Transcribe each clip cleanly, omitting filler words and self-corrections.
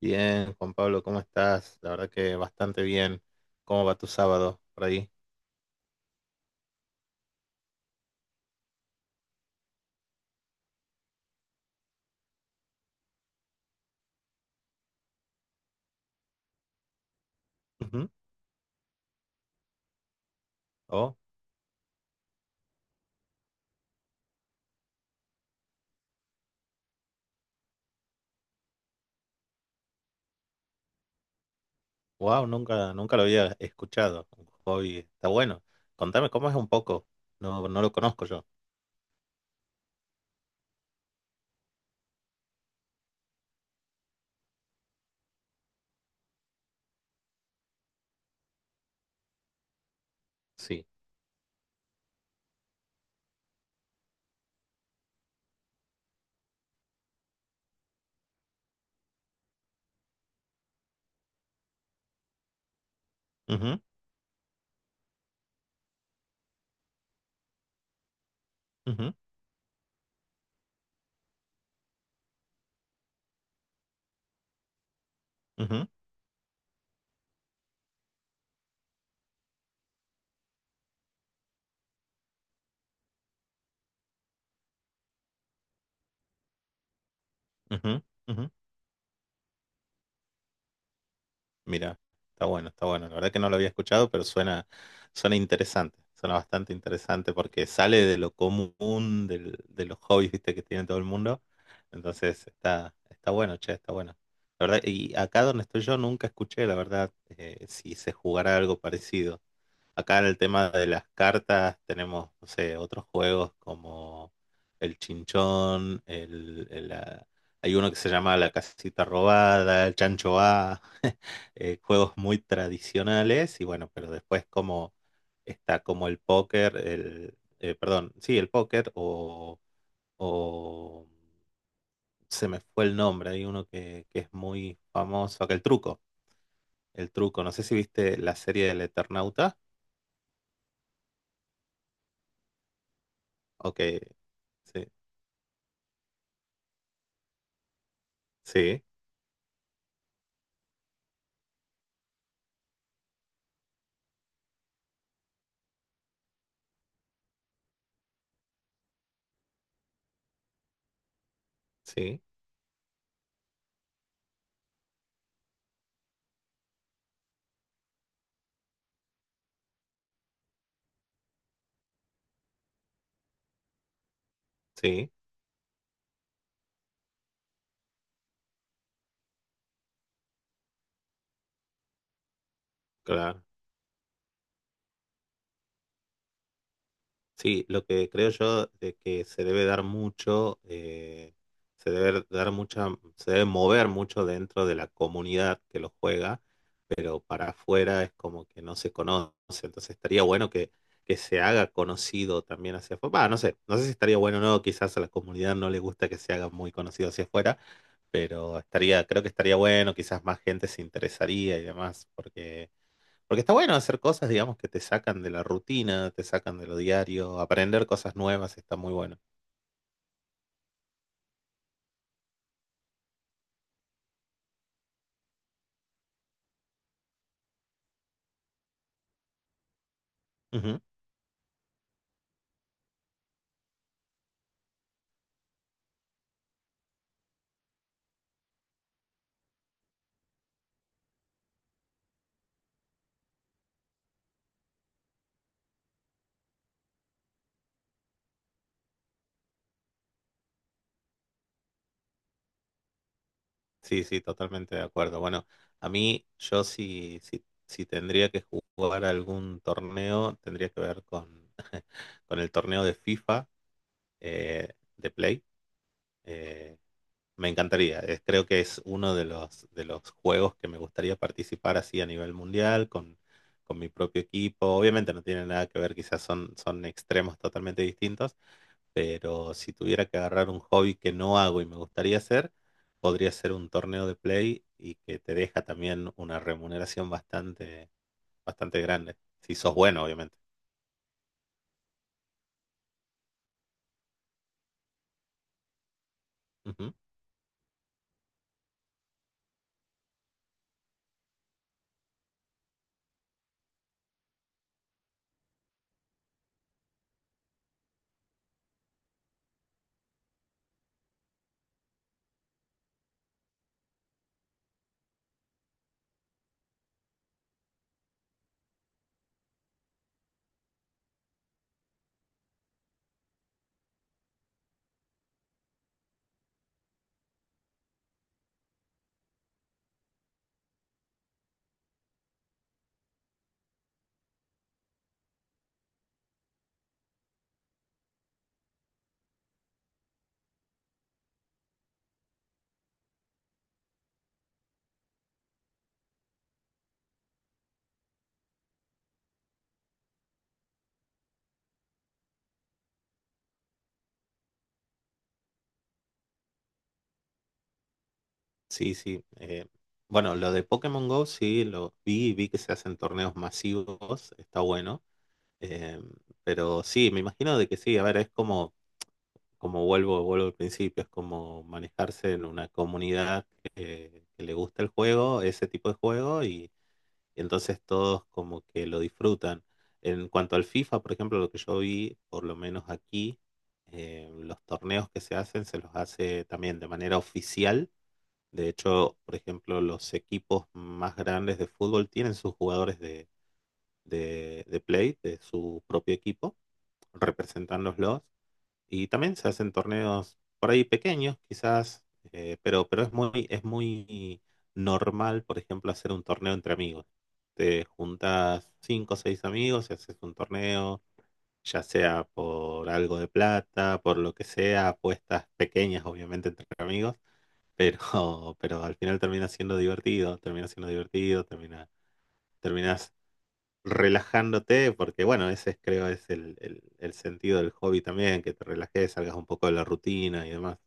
Bien, Juan Pablo, ¿cómo estás? La verdad que bastante bien. ¿Cómo va tu sábado por ahí? Ujú. Oh, wow, nunca lo había escuchado. Un hobby, está bueno. Contame cómo es un poco. No, no lo conozco yo. Sí. Ujú, ujú, ujú, ujú, ujú. Mira, está bueno, está bueno. La verdad que no lo había escuchado, pero suena interesante. Suena bastante interesante porque sale de lo común de los hobbies, viste, que tiene todo el mundo. Entonces está bueno, che, está bueno. La verdad, y acá donde estoy yo nunca escuché, la verdad, si se jugara algo parecido. Acá en el tema de las cartas tenemos, no sé, otros juegos como el chinchón, hay uno que se llama la casita robada, el chancho A, juegos muy tradicionales y bueno, pero después como está como el póker, perdón, sí, el póker o se me fue el nombre, hay uno que es muy famoso, acá el truco, no sé si viste la serie del Eternauta, o que, sí, sí, sí, sí, claro, sí, lo que creo yo de que se debe dar mucho, se debe dar mucha, se debe mover mucho dentro de la comunidad que lo juega, pero para afuera es como que no se conoce. Entonces que se haga conocido también hacia afuera. Bah, no sé, no sé si estaría bueno o no, quizás a la comunidad no le gusta que se haga muy conocido hacia afuera, pero estaría, creo que estaría bueno, quizás más gente se interesaría y demás, porque está bueno hacer cosas, digamos, que te sacan de la rutina, te sacan de lo diario, aprender cosas nuevas está muy bueno. Sí, sí, totalmente de acuerdo. Bueno, a mí, yo si tendría que jugar algún torneo, tendría que ver con el torneo de FIFA, eh, de Play. Eh, me encantaría. Es- creo que es uno de de los juegos que me gustaría participar así a nivel mundial, con mi propio equipo. Obviamente no tiene nada que ver, quizás son extremos totalmente distintos, pero si tuviera que agarrar un hobby que no hago y me gustaría hacer, podría ser un torneo de play y que te deja también una remuneración bastante grande. Si sos bueno, obviamente. Ujú. Sí, sí. Bueno, lo de Pokémon Go sí lo vi, y vi que se hacen torneos masivos, está bueno. Eh, pero sí, me imagino de que sí, a ver, como vuelvo al principio, es como manejarse en una comunidad que le gusta el juego, ese tipo de juego. Entonces todos como que lo disfrutan. En cuanto al FIFA, por ejemplo, lo que yo vi, por lo menos aquí, los torneos que se hacen se los hace también de manera oficial. De hecho, por ejemplo, los equipos más grandes de fútbol tienen sus jugadores de Play, de su propio equipo, representándolos. Y también se hacen torneos por ahí pequeños, quizás, pero es muy normal, por ejemplo, hacer un torneo entre amigos. Te juntas cinco o seis amigos y haces un torneo, ya sea por algo de plata, por lo que sea, apuestas pequeñas, obviamente, entre amigos, pero, pero al final termina siendo divertido, terminas relajándote, porque bueno, ese es, creo es el sentido del hobby también, que te relajes, salgas un poco de la rutina y demás.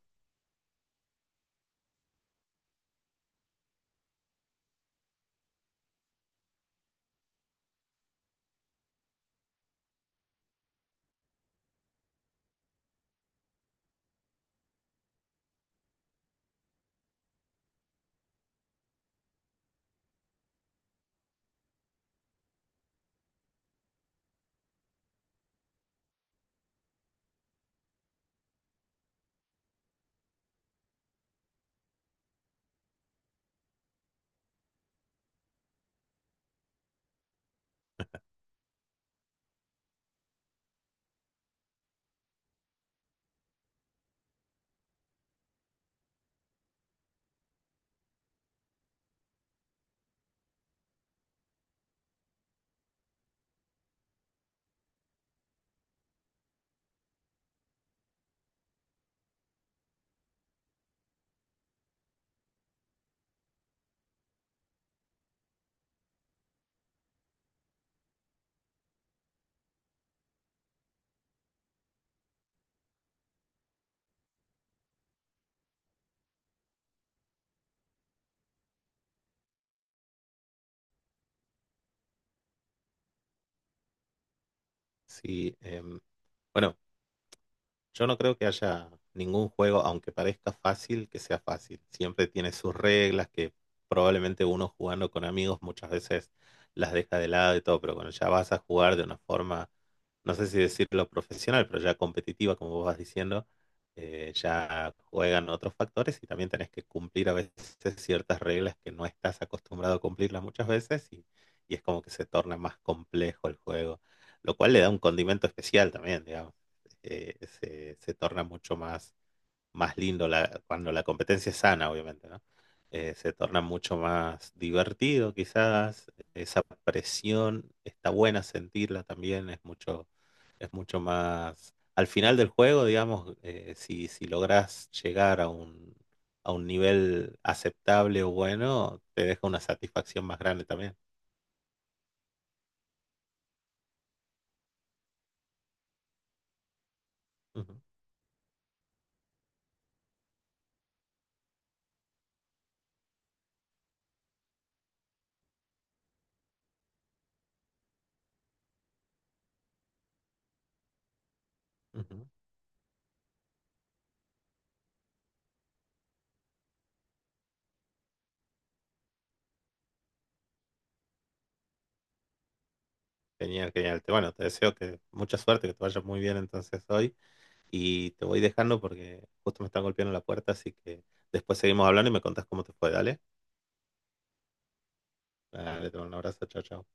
Sí, bueno, yo no creo que haya ningún juego, aunque parezca fácil, que sea fácil. Siempre tiene sus reglas que probablemente uno jugando con amigos muchas veces las deja de lado y todo, pero cuando ya vas a jugar de una forma, no sé si decirlo profesional, pero ya competitiva, como vos vas diciendo, ya juegan otros factores y también tenés que cumplir a veces ciertas reglas que no estás acostumbrado a cumplirlas muchas y es como que se torna más complejo el juego, lo cual le da un condimento especial también, digamos, se torna más lindo la, cuando la competencia es sana, obviamente, ¿no? Se torna mucho más divertido, quizás. Esa presión está buena sentirla también, es mucho más. Al final del juego, digamos, si logras llegar a a un nivel aceptable o bueno, te deja una satisfacción más grande también. Ujú, ujú. Genial, genial. Te- bueno, te deseo que mucha suerte, que te vaya muy bien entonces hoy. Y te voy dejando porque justo me están golpeando la puerta, así que después seguimos hablando y me contás cómo te fue. Dale, dale, te mando un abrazo, chao, chao.